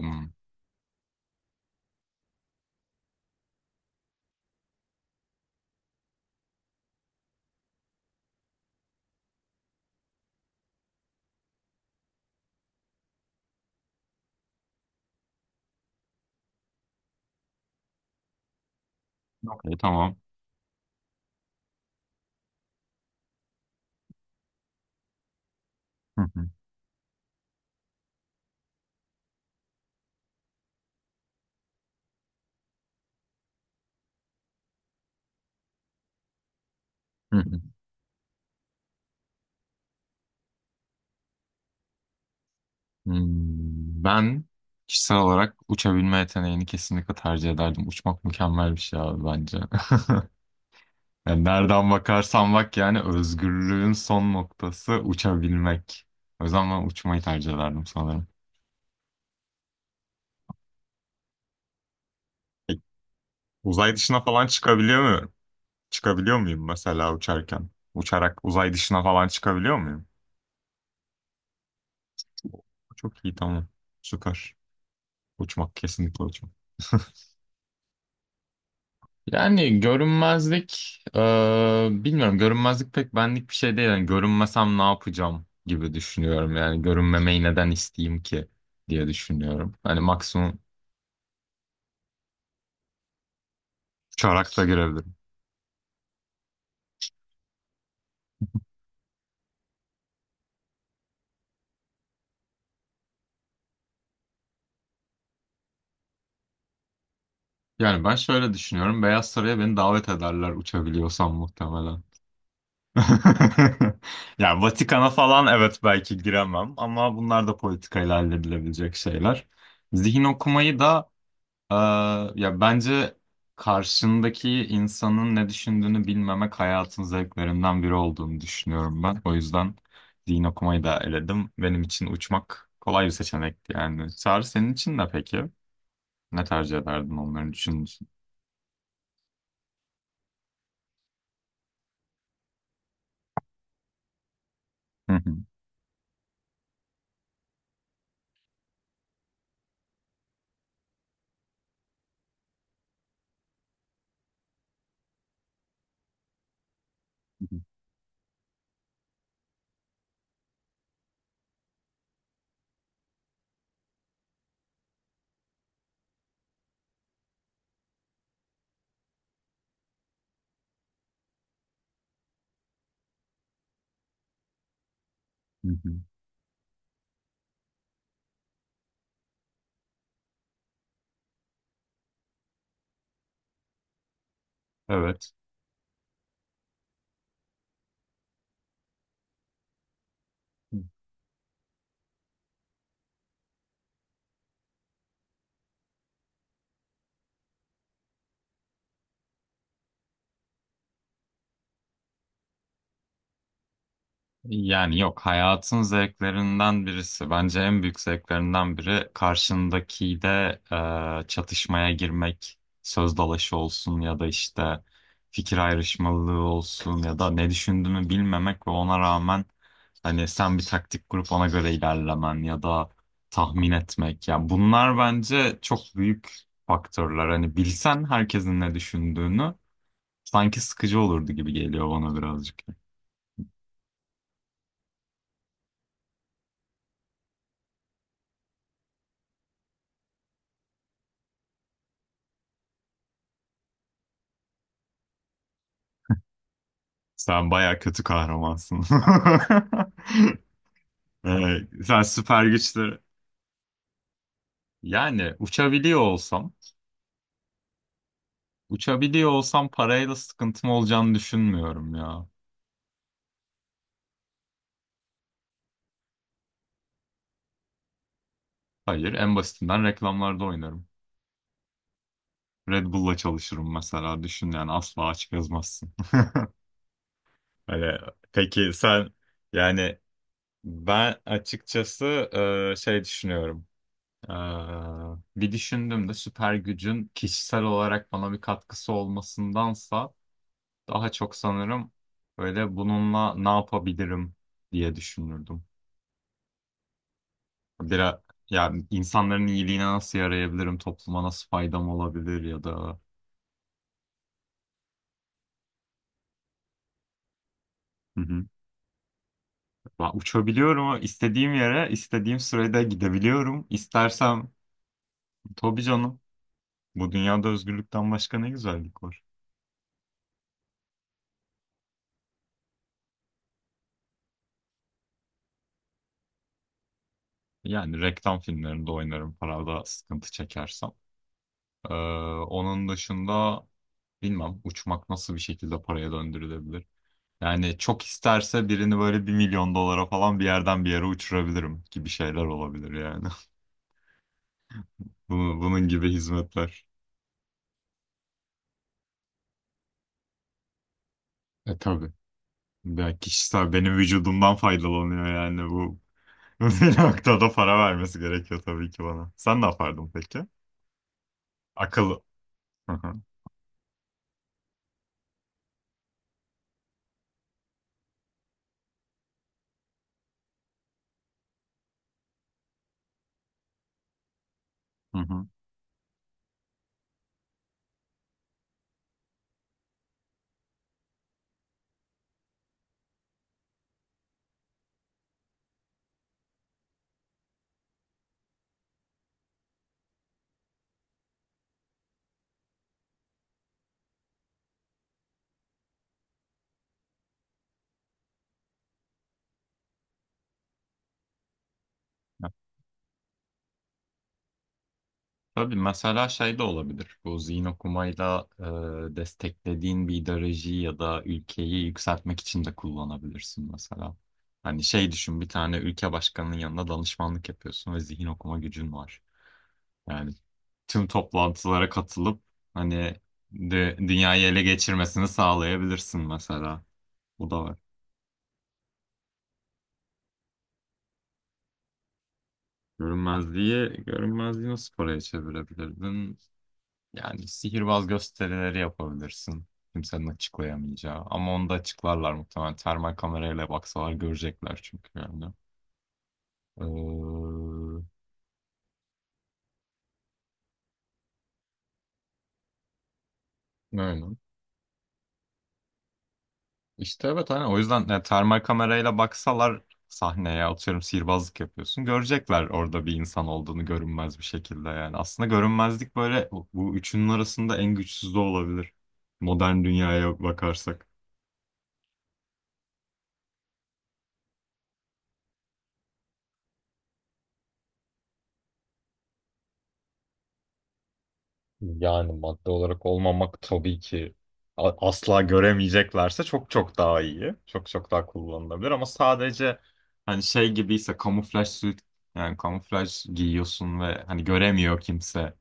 Hmm. Okey, tamam. Hı hı, hı hı. Ben kişisel olarak uçabilme yeteneğini kesinlikle tercih ederdim. Uçmak mükemmel bir şey abi bence. Yani nereden bakarsan bak, yani özgürlüğün son noktası uçabilmek. O yüzden ben uçmayı tercih ederdim sanırım. Peki, uzay dışına falan çıkabiliyor muyum? Çıkabiliyor muyum mesela uçarken? Uçarak uzay dışına falan çıkabiliyor muyum? Çok iyi, tamam. Süper. Uçmak, kesinlikle uçmak. Yani görünmezlik, bilmiyorum, görünmezlik pek benlik bir şey değil. Yani görünmesem ne yapacağım gibi düşünüyorum. Yani görünmemeyi neden isteyeyim ki diye düşünüyorum. Hani maksimum uçarak da girebilirim. Yani ben şöyle düşünüyorum. Beyaz Saray'a beni davet ederler uçabiliyorsam muhtemelen. Yani Vatikan'a falan, evet, belki giremem ama bunlar da politikayla halledilebilecek şeyler. Zihin okumayı da. Ee, ya bence karşındaki insanın ne düşündüğünü bilmemek hayatın zevklerinden biri olduğunu düşünüyorum ben. O yüzden din okumayı da eledim. Benim için uçmak kolay bir seçenekti yani. Çağrı, senin için ne peki? Ne tercih ederdin, onların düşüncesi? Hı hı. Hı hı. Evet. Yani yok, hayatın zevklerinden birisi. Bence en büyük zevklerinden biri karşındakiyle çatışmaya girmek. Söz dalaşı olsun ya da işte fikir ayrışmalığı olsun ya da ne düşündüğünü bilmemek ve ona rağmen hani sen bir taktik kurup ona göre ilerlemen ya da tahmin etmek. Ya bunlar bence çok büyük faktörler. Hani bilsen herkesin ne düşündüğünü, sanki sıkıcı olurdu gibi geliyor bana birazcık. Sen baya kötü kahramansın. Ee, sen süper güçleri... Yani uçabiliyor olsam, parayla sıkıntım olacağını düşünmüyorum ya. Hayır, en basitinden reklamlarda oynarım. Red Bull'la çalışırım mesela, düşün, yani asla aç gezmezsin. Öyle. Peki sen, yani ben açıkçası şey düşünüyorum. Ee, bir düşündüm de, süper gücün kişisel olarak bana bir katkısı olmasındansa daha çok sanırım böyle bununla ne yapabilirim diye düşünürdüm. Biraz yani insanların iyiliğine nasıl yarayabilirim, topluma nasıl faydam olabilir ya da... Hı hı. Ben uçabiliyorum ama istediğim yere, istediğim sürede gidebiliyorum. İstersem, tabii canım. Bu dünyada özgürlükten başka ne güzellik var. Yani reklam filmlerinde oynarım, parada sıkıntı çekersem. Ee, onun dışında bilmem uçmak nasıl bir şekilde paraya döndürülebilir. Yani çok isterse birini böyle 1 milyon dolara falan bir yerden bir yere uçurabilirim gibi şeyler olabilir yani. Bunun gibi hizmetler. E tabii. Ben kişisel, benim vücudumdan faydalanıyor yani bu. Bir noktada para vermesi gerekiyor tabii ki bana. Sen ne yapardın peki? Akıllı. Hı hı. Hı hı. Tabii, mesela şey de olabilir. Bu zihin okumayla desteklediğin bir ideolojiyi ya da ülkeyi yükseltmek için de kullanabilirsin mesela. Hani şey düşün, bir tane ülke başkanının yanında danışmanlık yapıyorsun ve zihin okuma gücün var. Yani tüm toplantılara katılıp, hani, dünyayı ele geçirmesini sağlayabilirsin mesela. Bu da var. Görünmezliği, görünmezliği nasıl paraya çevirebilirdin? Yani sihirbaz gösterileri yapabilirsin. Kimsenin açıklayamayacağı. Ama onu da açıklarlar muhtemelen. Termal kamerayla baksalar görecekler çünkü yani. Ee, öyle. İşte evet, hani o yüzden yani termal kamerayla baksalar, sahneye atıyorum, sihirbazlık yapıyorsun. Görecekler orada bir insan olduğunu, görünmez bir şekilde yani. Aslında görünmezlik böyle, bu üçünün arasında en güçsüz de olabilir. Modern dünyaya bakarsak. Yani madde olarak olmamak tabii ki, asla göremeyeceklerse, çok çok daha iyi. Çok çok daha kullanılabilir ama sadece hani şey gibiyse, kamuflaj suit, yani kamuflaj giyiyorsun ve hani göremiyor kimse,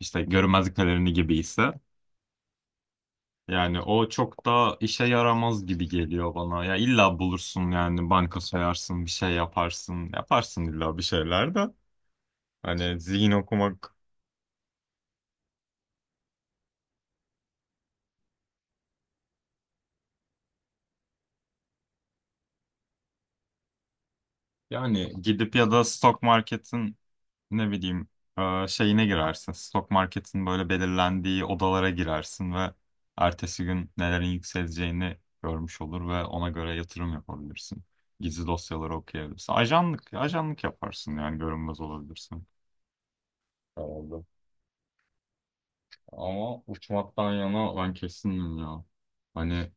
işte görünmezlik pelerini gibiyse, yani o çok daha işe yaramaz gibi geliyor bana. Ya illa bulursun yani, banka soyarsın, bir şey yaparsın, yaparsın illa bir şeyler de. Hani zihin okumak, yani gidip ya da stok marketin, ne bileyim, şeyine girersin. Stok marketin böyle belirlendiği odalara girersin ve ertesi gün nelerin yükseleceğini görmüş olur ve ona göre yatırım yapabilirsin. Gizli dosyaları okuyabilirsin. Ajanlık yaparsın, yani görünmez olabilirsin. Herhalde. Ama uçmaktan yana ben kesindim ya. Hani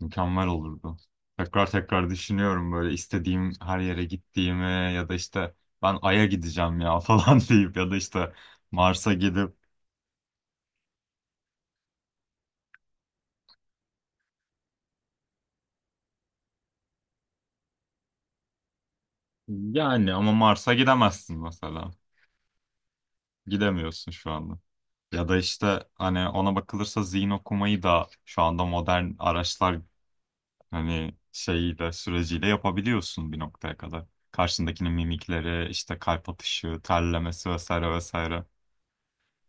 mükemmel olurdu. Tekrar tekrar düşünüyorum böyle, istediğim her yere gittiğimi ya da işte ben Ay'a gideceğim ya falan deyip, ya da işte Mars'a gidip... Yani ama Mars'a gidemezsin mesela. Gidemiyorsun şu anda. Ya da işte hani ona bakılırsa, zihin okumayı da şu anda modern araçlar hani şeyiyle, süreciyle yapabiliyorsun bir noktaya kadar. Karşındakinin mimikleri, işte kalp atışı, terlemesi vesaire vesaire,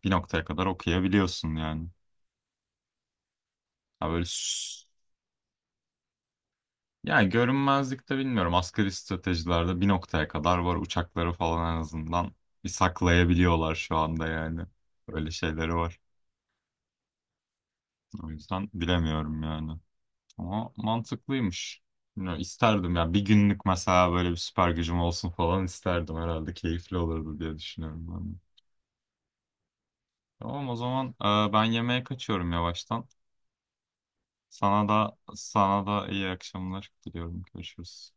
bir noktaya kadar okuyabiliyorsun yani. Ya böyle yani görünmezlikte bilmiyorum, asgari stratejilerde bir noktaya kadar var, uçakları falan en azından bir saklayabiliyorlar şu anda yani. Öyle şeyleri var. O yüzden bilemiyorum yani. Ama mantıklıymış. Bilmiyorum, isterdim ya. Bir günlük mesela böyle bir süper gücüm olsun falan isterdim. Herhalde keyifli olurdu diye düşünüyorum ben de. Tamam, o zaman ben yemeğe kaçıyorum yavaştan. Sana da, sana da iyi akşamlar diliyorum. Görüşürüz.